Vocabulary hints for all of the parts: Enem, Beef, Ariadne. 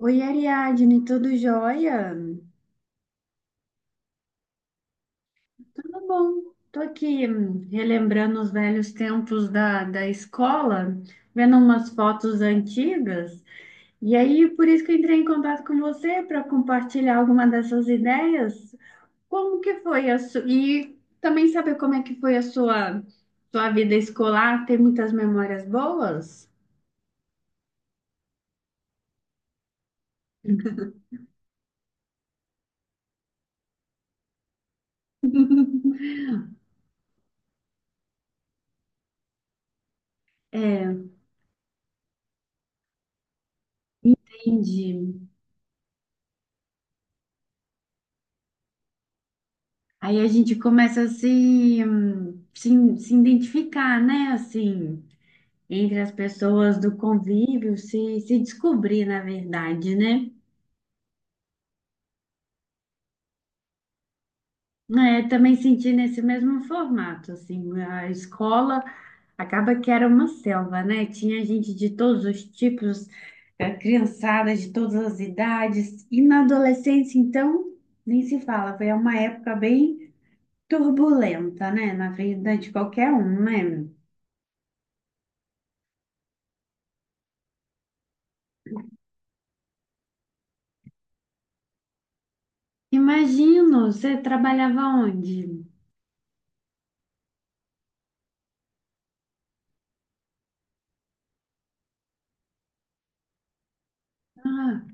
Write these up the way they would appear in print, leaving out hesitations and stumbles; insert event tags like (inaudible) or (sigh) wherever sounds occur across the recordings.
Oi, Ariadne, tudo jóia? Tudo bom. Tô aqui relembrando os velhos tempos da escola, vendo umas fotos antigas. E aí, por isso que eu entrei em contato com você para compartilhar alguma dessas ideias. Como que foi a sua... E também saber como é que foi a sua vida escolar? Tem muitas memórias boas? É, entendi. Aí a gente começa a se identificar, né? Assim... entre as pessoas do convívio, se descobrir, na verdade, né? É, também senti nesse mesmo formato, assim, a escola acaba que era uma selva, né? Tinha gente de todos os tipos, criançada de todas as idades, e na adolescência, então, nem se fala, foi uma época bem turbulenta, né? Na vida de qualquer um, né? Imagino, você trabalhava onde? Ah,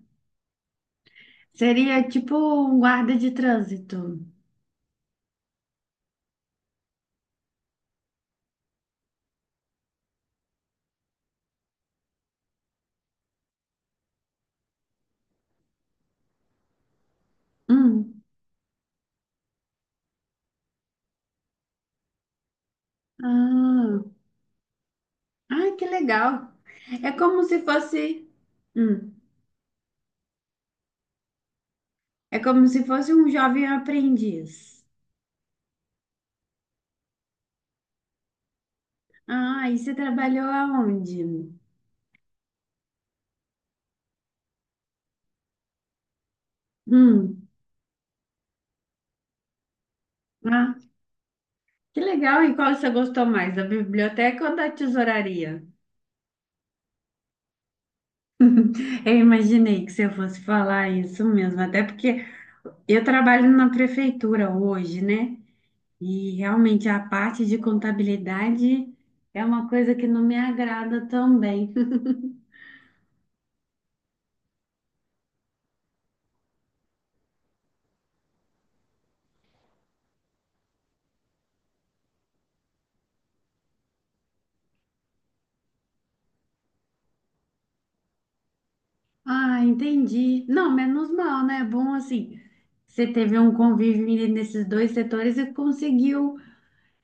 seria tipo um guarda de trânsito. Hum. Ah. Ai, que legal. É como se fosse. Hum. É como se fosse um jovem aprendiz. Ah, e você trabalhou aonde? Hum. Ah, que legal. E qual você gostou mais, da biblioteca ou da tesouraria? Eu imaginei que você fosse falar isso mesmo, até porque eu trabalho na prefeitura hoje, né? E realmente a parte de contabilidade é uma coisa que não me agrada também. Ah, entendi. Não, menos mal, né? É bom assim. Você teve um convívio nesses dois setores e conseguiu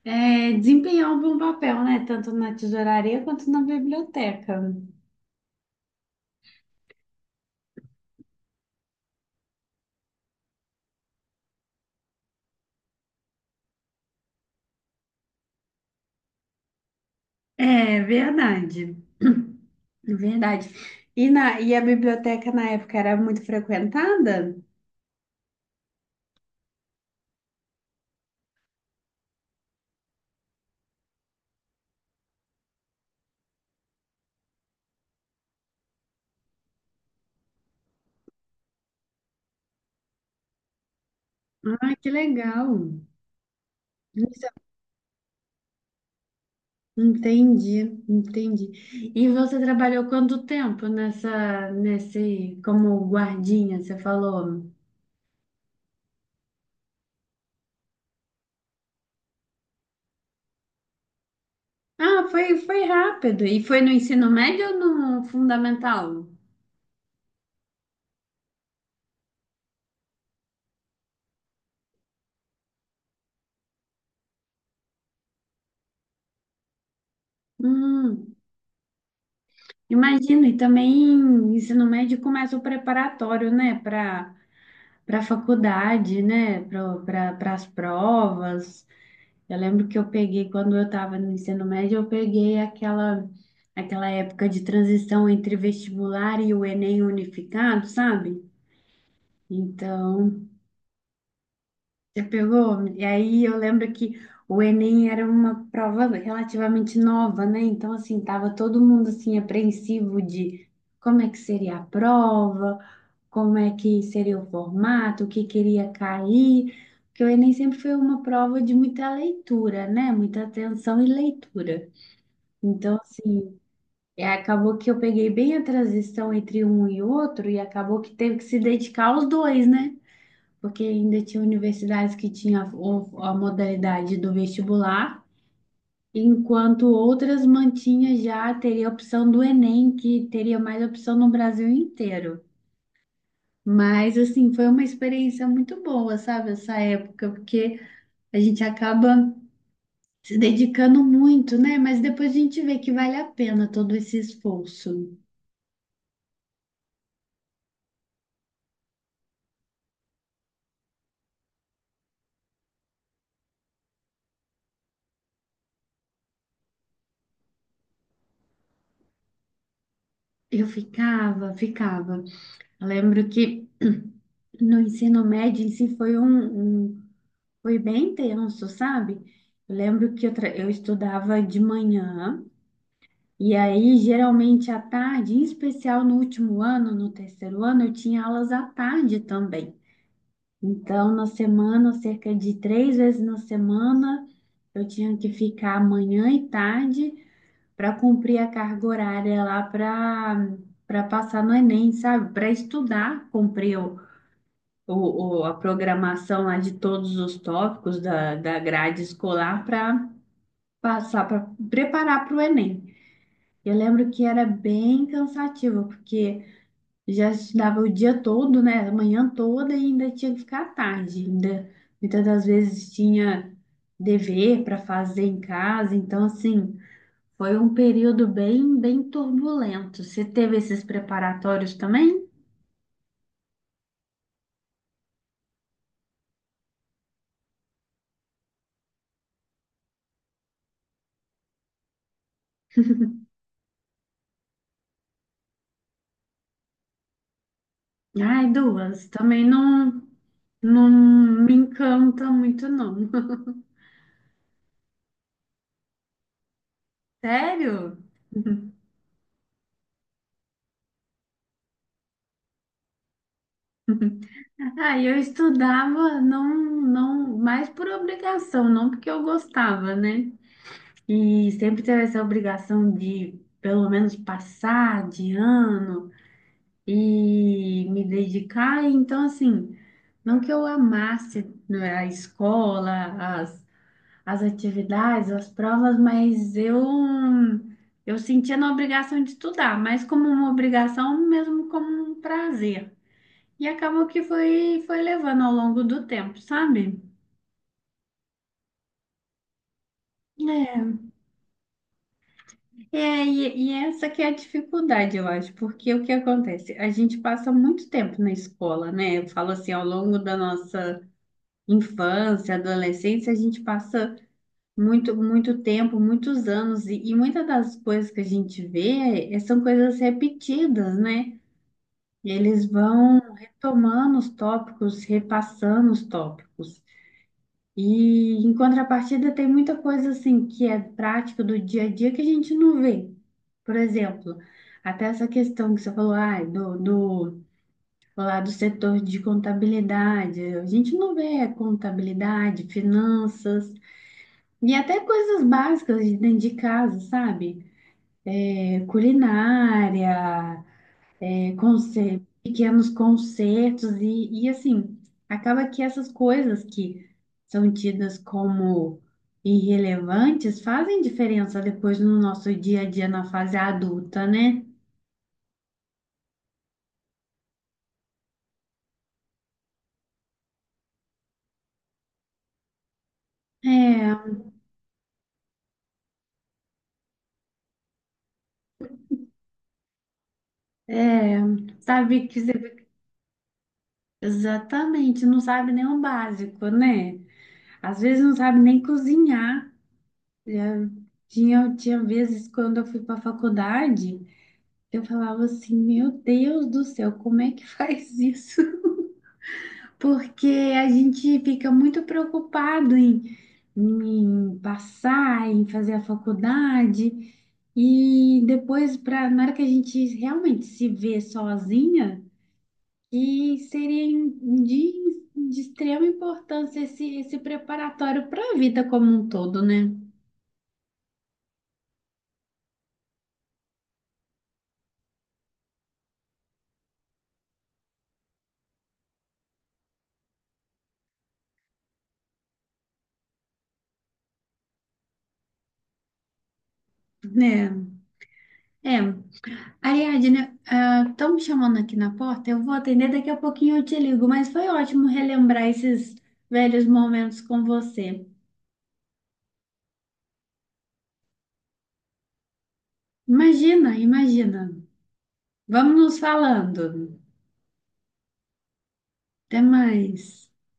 desempenhar um bom papel, né? Tanto na tesouraria quanto na biblioteca. É verdade. (clears throat) Verdade. E a biblioteca na época era muito frequentada? Ah, que legal. Entendi, entendi. E você trabalhou quanto tempo como guardinha, você falou? Ah, foi, foi rápido. E foi no ensino médio ou no fundamental? Hum, imagino. E também ensino médio começa o preparatório, né? Para faculdade, né? Para as provas. Eu lembro que eu peguei, quando eu estava no ensino médio, eu peguei aquela época de transição entre vestibular e o Enem unificado, sabe? Então, já pegou? E aí eu lembro que o Enem era uma prova relativamente nova, né? Então, assim, tava todo mundo, assim, apreensivo de como é que seria a prova, como é que seria o formato, o que queria cair. Porque o Enem sempre foi uma prova de muita leitura, né? Muita atenção e leitura. Então, assim, é, acabou que eu peguei bem a transição entre um e outro e acabou que teve que se dedicar aos dois, né? Porque ainda tinha universidades que tinha a modalidade do vestibular, enquanto outras mantinha já teria a opção do Enem, que teria mais opção no Brasil inteiro. Mas assim, foi uma experiência muito boa, sabe, essa época, porque a gente acaba se dedicando muito, né? Mas depois a gente vê que vale a pena todo esse esforço. Eu ficava. Eu lembro que no ensino médio em si foi um foi bem tenso, sabe? Eu lembro que eu, eu estudava de manhã, e aí, geralmente à tarde, em especial no último ano, no terceiro ano, eu tinha aulas à tarde também. Então, na semana, cerca de três vezes na semana, eu tinha que ficar manhã e tarde para cumprir a carga horária lá para passar no Enem, sabe? Para estudar, cumprir a programação lá de todos os tópicos da grade escolar para passar, para preparar para o Enem. Eu lembro que era bem cansativo, porque já estudava o dia todo, né? A manhã toda e ainda tinha que ficar à tarde. Ainda, muitas das vezes tinha dever para fazer em casa. Então, assim, foi um período bem turbulento. Você teve esses preparatórios também? Ai, duas. Também não, não me encanta muito, não. (laughs) Sério? Ah, eu estudava não, mais por obrigação, não porque eu gostava, né? E sempre teve essa obrigação de, pelo menos, passar de ano e me dedicar. Então, assim, não que eu amasse né, a escola, as atividades, as provas, mas eu sentia na obrigação de estudar, mas como uma obrigação mesmo como um prazer. E acabou que foi levando ao longo do tempo, sabe? É, é, e essa que é a dificuldade, eu acho, porque o que acontece? A gente passa muito tempo na escola, né? Eu falo assim, ao longo da nossa infância, adolescência, a gente passa muito, muito tempo, muitos anos, e muitas das coisas que a gente vê são coisas repetidas, né? Eles vão retomando os tópicos, repassando os tópicos. E, em contrapartida, tem muita coisa assim que é prática do dia a dia que a gente não vê. Por exemplo, até essa questão que você falou, ai, lá do setor de contabilidade, a gente não vê contabilidade, finanças. E até coisas básicas de dentro de casa, sabe? É, culinária, é, pequenos concertos e assim, acaba que essas coisas que são tidas como irrelevantes fazem diferença depois no nosso dia a dia na fase adulta, né? É, é, sabe que você exatamente não sabe nem o básico, né? Às vezes não sabe nem cozinhar. Já tinha vezes quando eu fui para a faculdade, eu falava assim, meu Deus do céu, como é que faz isso? (laughs) Porque a gente fica muito preocupado em passar, em fazer a faculdade, e depois, na hora que a gente realmente se vê sozinha, e seria de, de extrema importância esse preparatório para a vida como um todo, né? Né? É. Ariadne, estão me chamando aqui na porta. Eu vou atender, daqui a pouquinho eu te ligo, mas foi ótimo relembrar esses velhos momentos com você. Imagina, imagina. Vamos nos falando. Até mais.